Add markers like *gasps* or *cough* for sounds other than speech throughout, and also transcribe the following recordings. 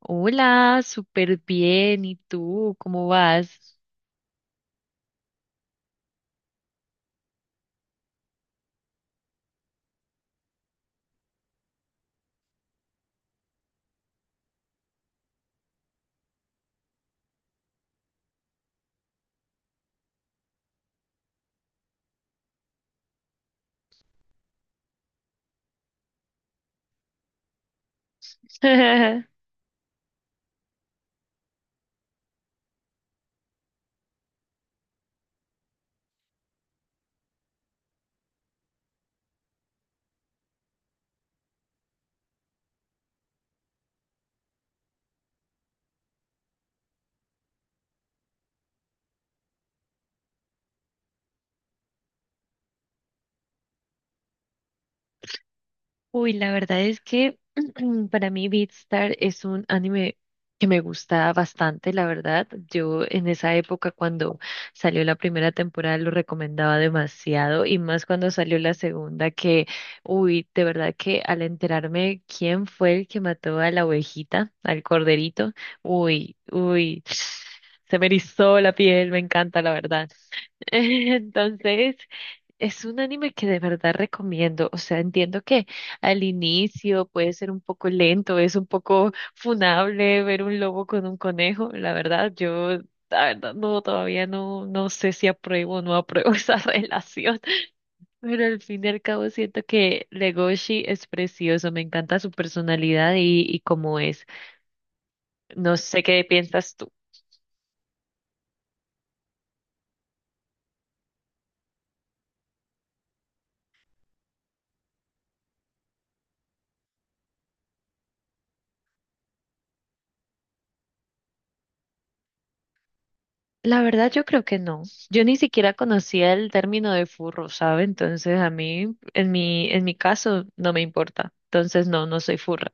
Hola, súper bien. ¿Y tú? ¿Cómo vas? *laughs* Uy, la verdad es que *clears throat* para mí Beatstar es un anime que me gusta bastante, la verdad. Yo en esa época cuando salió la primera temporada lo recomendaba demasiado y más cuando salió la segunda que, uy, de verdad que al enterarme quién fue el que mató a la ovejita, al corderito, uy, uy, *sniffs* se me erizó la piel, me encanta, la verdad. *laughs* Entonces, es un anime que de verdad recomiendo. O sea, entiendo que al inicio puede ser un poco lento, es un poco funable ver un lobo con un conejo. La verdad, yo, la verdad, no, todavía no, sé si apruebo o no apruebo *laughs* esa relación. Pero al fin y al cabo siento que Legoshi es precioso, me encanta su personalidad y cómo es. No sé qué piensas tú. La verdad yo creo que no. Yo ni siquiera conocía el término de furro, ¿sabe? Entonces a mí, en mi caso, no me importa. Entonces no, no soy furra.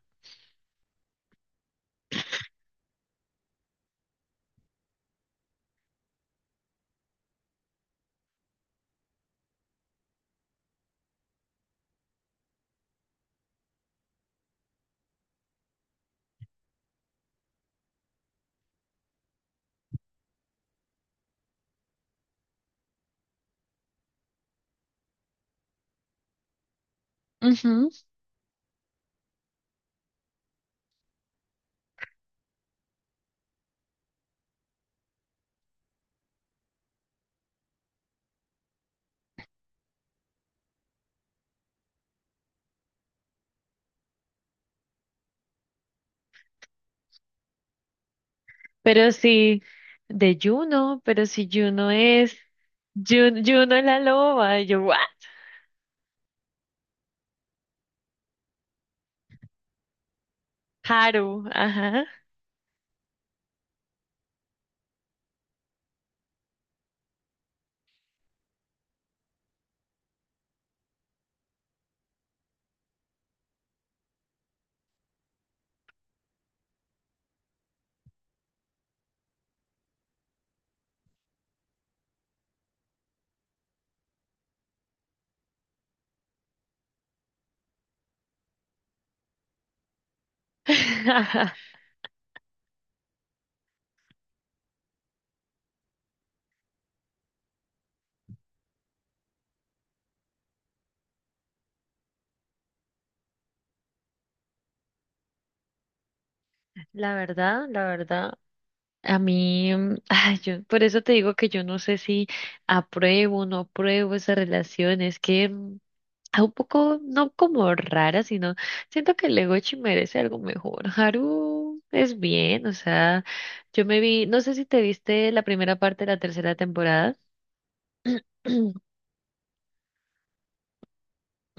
Ujú. Pero sí, de Juno, pero si Juno es, Juno es la loba, y yo, ¿what? Haru, ajá. *laughs* La verdad, a mí, ay, yo, por eso te digo que yo no sé si apruebo o no apruebo esa relación, ah, un poco, no como rara, sino siento que Legochi merece algo mejor. *laughs* Haru es bien, o sea, yo me vi, no sé si te viste la primera parte de la tercera temporada. *clears throat*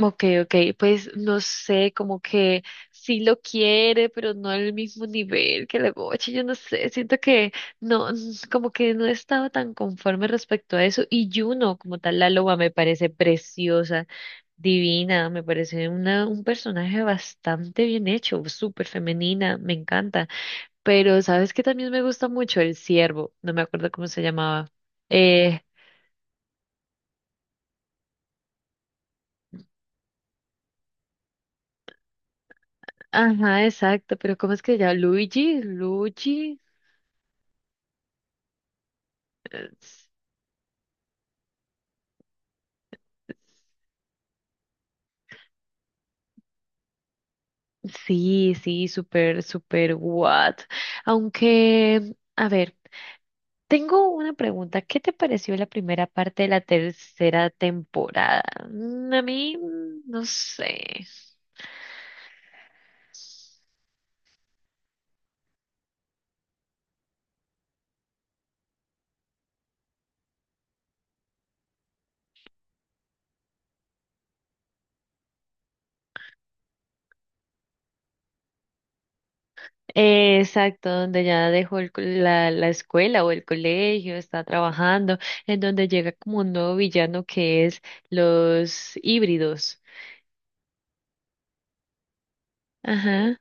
Ok, ok, pues no sé, como que sí lo quiere, pero no al mismo nivel que la Gochi, yo no sé, siento que no, *laughs* como que no he estado tan conforme respecto a eso, y Juno, como tal, la loba me parece preciosa, divina, me parece un personaje bastante bien hecho, súper femenina, me encanta, pero sabes que también me gusta mucho el ciervo, no me acuerdo cómo se llamaba, eh, ajá, exacto, pero ¿cómo es que se llama? Luigi, Luigi. eh, Sí, sí, súper, súper what. Aunque, a ver, tengo una pregunta. ¿Qué te pareció la primera parte de la tercera temporada? A mí, no sé. Exacto, donde ya dejó la, la escuela o el colegio, está trabajando, en donde llega como un nuevo villano que es los híbridos. Ajá.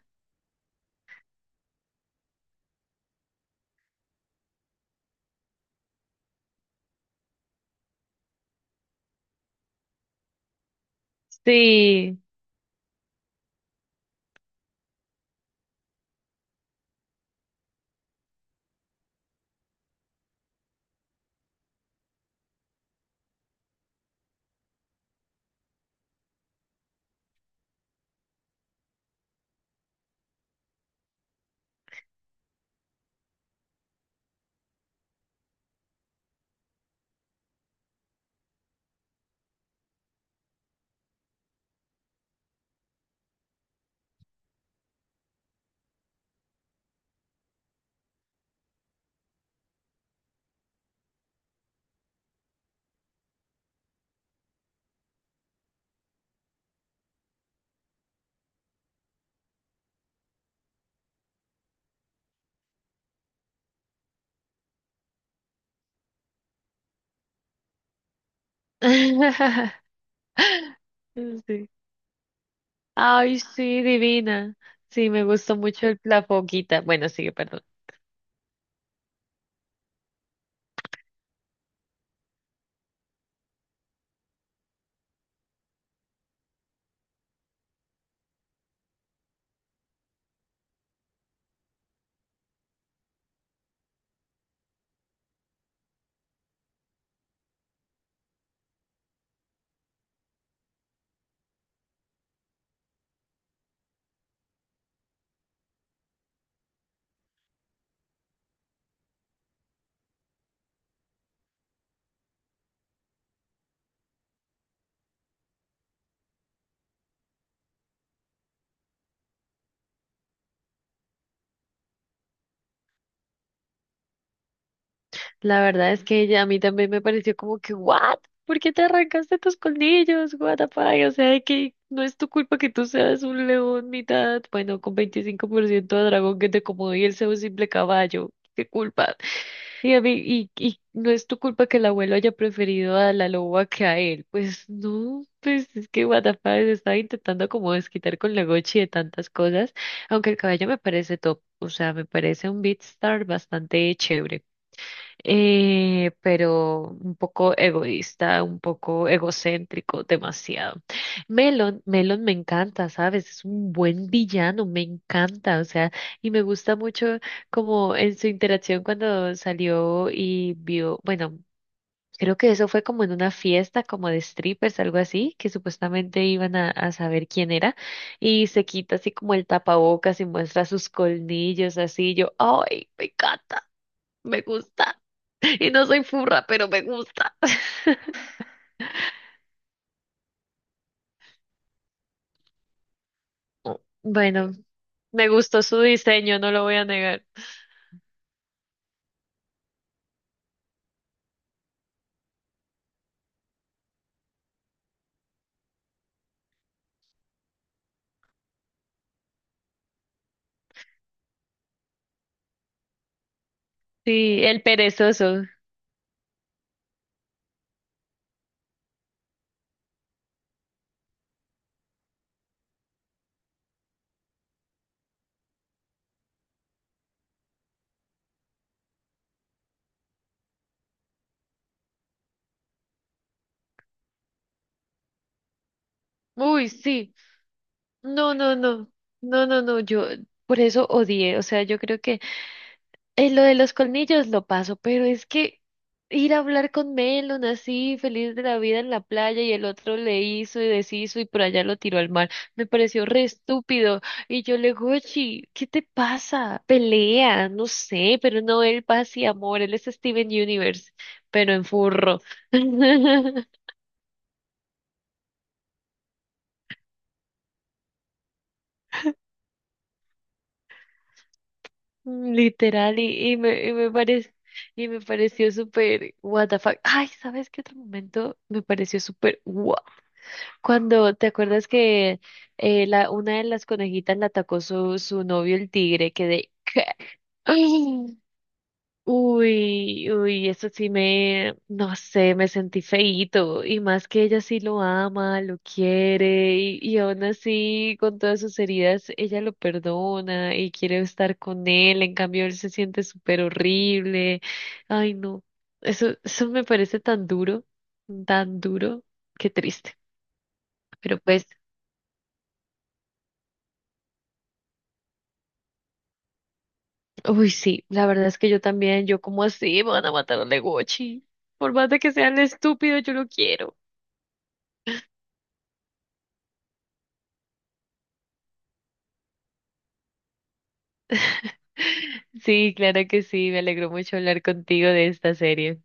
Sí. *laughs* Sí. Ay, sí, divina. Sí, me gustó mucho la foquita. Bueno, sigue, perdón. La verdad es que ella a mí también me pareció como que, ¿what? ¿Por qué te arrancaste tus colmillos? What the fuck? O sea, que no es tu culpa que tú seas un león mitad, bueno, con 25% de dragón que te como y él sea un simple caballo. ¿Qué culpa? Sí, a mí, y no es tu culpa que el abuelo haya preferido a la loba que a él. Pues no, pues es que what the fuck, se estaba intentando como desquitar con la Gochi de tantas cosas, aunque el caballo me parece top, o sea, me parece un beatstar bastante chévere pero un poco egoísta, un poco egocéntrico, demasiado. Melon, Melon me encanta, ¿sabes? Es un buen villano, me encanta, o sea, y me gusta mucho como en su interacción cuando salió y vio, bueno, creo que eso fue como en una fiesta, como de strippers, algo así, que supuestamente iban a saber quién era, y se quita así como el tapabocas y muestra sus colmillos, así, yo, ¡ay, me encanta! Me gusta. Y no soy furra, pero me gusta. *laughs* Bueno, me gustó su diseño, no lo voy a negar. Sí, el perezoso. Uy, sí. No, no, no. No, no, no. Yo por eso odié. O sea, yo creo que lo de los colmillos lo paso, pero es que ir a hablar con Melon así, feliz de la vida en la playa, y el otro le hizo y deshizo y por allá lo tiró al mar, me pareció re estúpido. Y yo le Gochi, ¿qué te pasa? Pelea, no sé, pero no, él paz y amor, él es Steven Universe, pero en furro. *laughs* Literal, y me parece. Y me pareció súper, what the fuck. Ay, ¿sabes qué otro momento me pareció súper, wow? Cuando te acuerdas que la, una de las conejitas la atacó su novio el tigre, que de... Ay, *gasps* uy, uy, eso sí me, no sé, me sentí feíto. Y más que ella sí lo ama, lo quiere, y aún así, con todas sus heridas, ella lo perdona y quiere estar con él. En cambio, él se siente súper horrible. Ay, no. Eso me parece tan duro, qué triste. Pero pues. Uy, sí, la verdad es que yo también, yo como así, me van a matar a Legochi. Por más de que sean estúpidos, yo lo quiero. *laughs* Sí, claro que sí, me alegró mucho hablar contigo de esta serie.